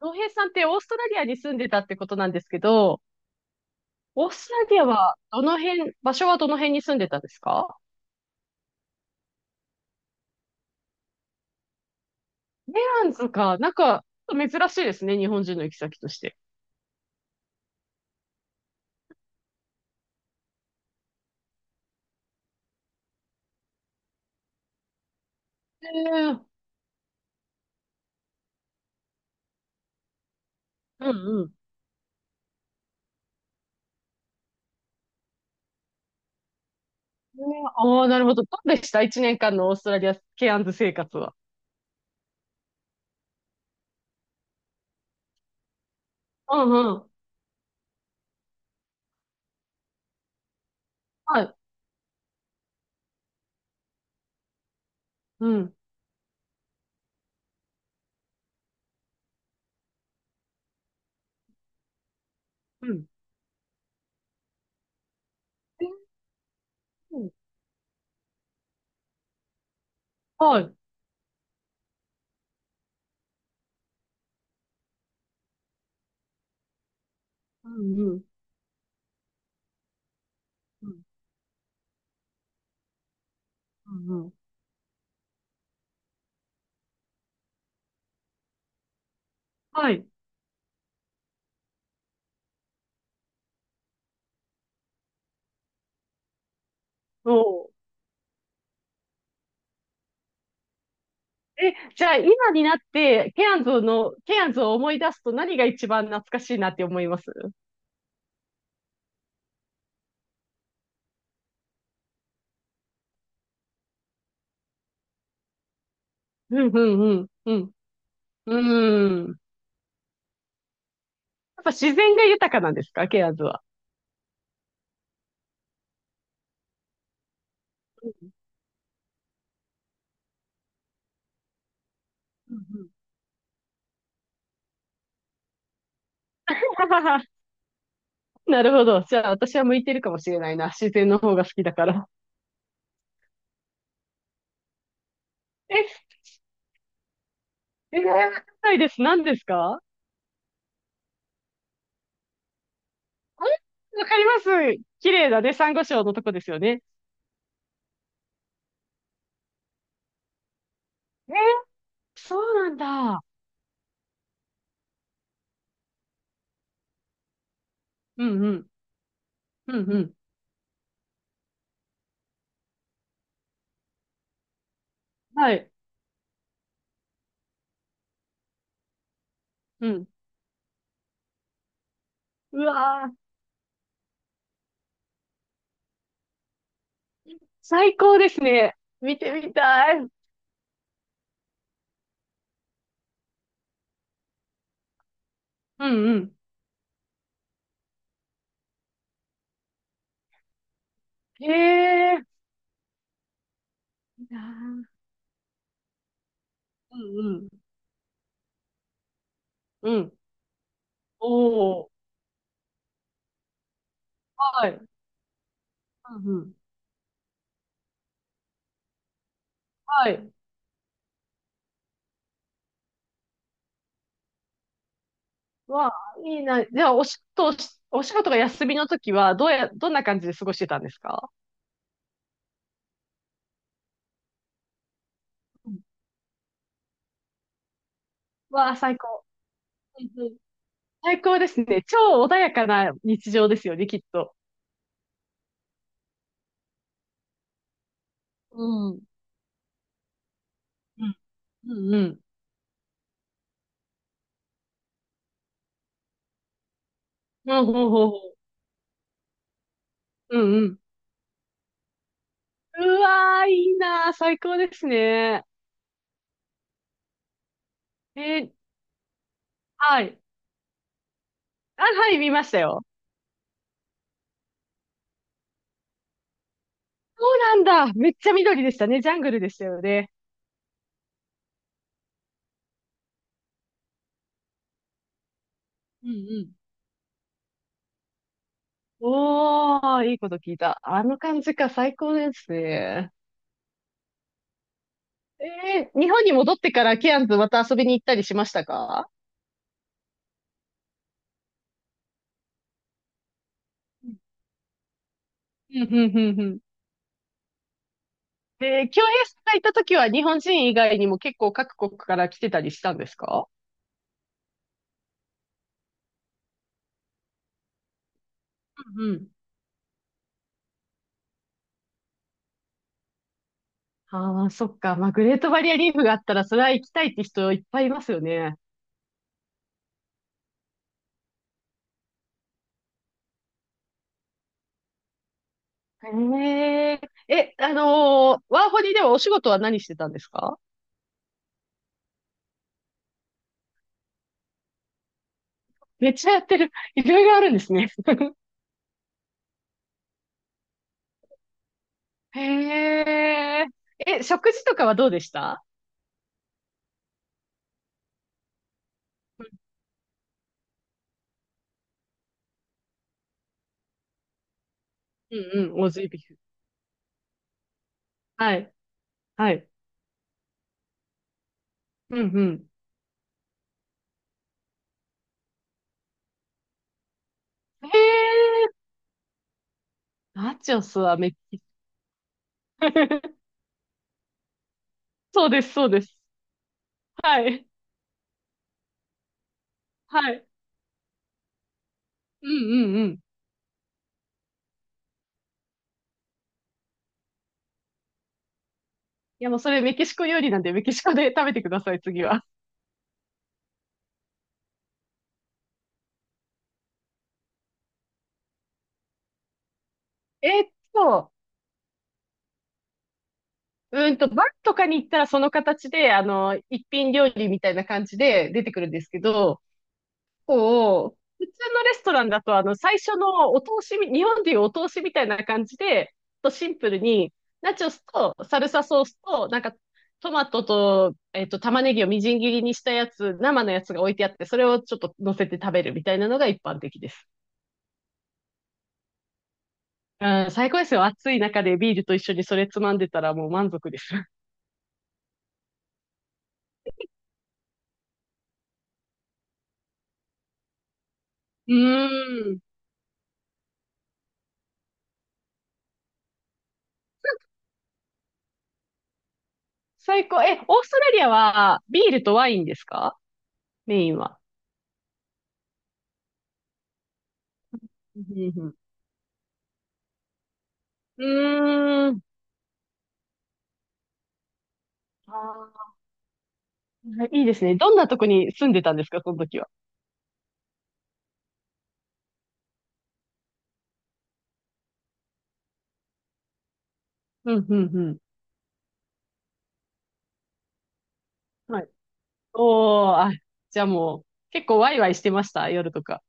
浩平さんってオーストラリアに住んでたってことなんですけど、オーストラリアはどの辺、場所はどの辺に住んでたんですか？メランズか、なんか珍しいですね、日本人の行き先として。えー、うんうん。ああー、なるほど。どうでした一年間のオーストラリア、ケアンズ生活は？うんうん。はい。うん。うん。うん、はい。うんうん。うん。うんうん。はい。おう。え、じゃあ今になって、ケアンズの、ケアンズを思い出すと何が一番懐かしいなって思います？うん、うん、うん、うん。うん。やっぱ自然が豊かなんですか、ケアーズは？うんうん。 なるほど。じゃあ、私は向いてるかもしれないな。自然の方が好きだから。え、えー、わかんないです。何ですか？あれわかります。綺麗だね。珊瑚礁のとこですよね？えー、そうなんだ。うんうん。うんうん。はい。うん。うわー、最高ですね。見てみたい。うんうん。へえ。いいなー、うんうん。うん。おー。はい。うんうん、はい。わあ、いいな。じゃあ、お仕事が休みの時は、どうや、どんな感じで過ごしてたんですか？うん、わあ、最高。うんうん、最高ですね。超穏やかな日常ですよね、きっと。うん。うんうんうん。ほうほうほうほう。うんうん。うわー、いいなー、最高ですね。えー、はい。あ、はい、見ましたよ。そうなんだ。めっちゃ緑でしたね。ジャングルでしたよね。うんうん。おー、いいこと聞いた。あの感じか、最高ですね。日本に戻ってからケアンズまた遊びに行ったりしましたか？うん、うん、うん、うん。で、京平さんがいた時は日本人以外にも結構各国から来てたりしたんですか？うんうん。ああ、そっか。まあ、グレートバリアリーフがあったら、それは行きたいって人いっぱいいますよね。へえ。え、ワーホリではお仕事は何してたんですか？めっちゃやってる。いろいろあるんですね。へえ。え、食事とかはどうでした？うんうん、オージービーフ。はい、はい。うんうん。へえ。ナチョスはメキシコ。 そうです、そうです。はい、はい。うんうんうん。いや、もうそれメキシコ料理なんで、メキシコで食べてください、次は。えーっと、バーとかに行ったらその形で、一品料理みたいな感じで出てくるんですけど、普通のレストランだと、最初のお通しみ、日本でいうお通しみたいな感じで、とシンプルに、ナチョスとサルサソースと、なんか、トマトと、玉ねぎをみじん切りにしたやつ、生のやつが置いてあって、それをちょっと乗せて食べるみたいなのが一般的です。うん、最高ですよ。暑い中でビールと一緒にそれつまんでたらもう満足です。うーん。最高。え、オーストラリアはビールとワインですか？メインは。うんうんうん、うーん。あー、はい、いいですね。どんなとこに住んでたんですか、その時は？うん、うん、うん。はい。おー、あ、じゃあもう、結構ワイワイしてました、夜とか？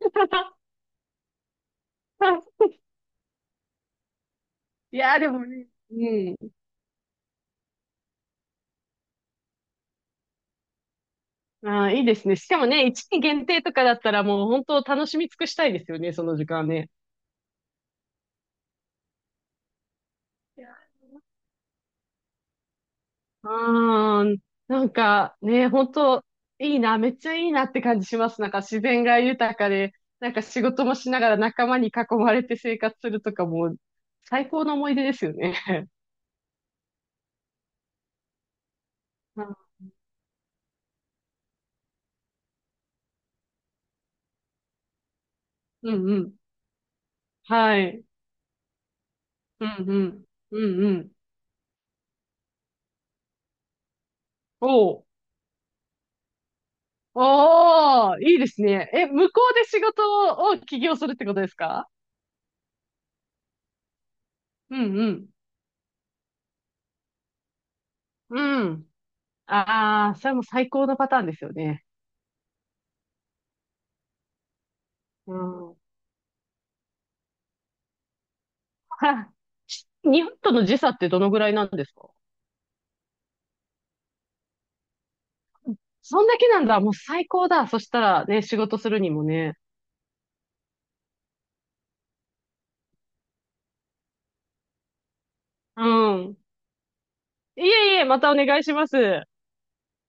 いやー、でもね、うん。あー、いいですね。しかもね、一期限定とかだったらもう本当楽しみ尽くしたいですよね、その時間ね。うーん。なんかね、本当いいな、めっちゃいいなって感じします。なんか自然が豊かで、なんか仕事もしながら仲間に囲まれて生活するとかも、最高の思い出ですよね。うんうんうん。はい。うんうん。うんうん。おう。おー、いいですね。え、向こうで仕事を起業するってことですか？うんうん。うん。ああ、それも最高のパターンですよね。うん。はい。日本との時差ってどのぐらいなんですか？そんだけなんだ。もう最高だ。そしたらね、仕事するにもね。うん。いえいえ、またお願いします。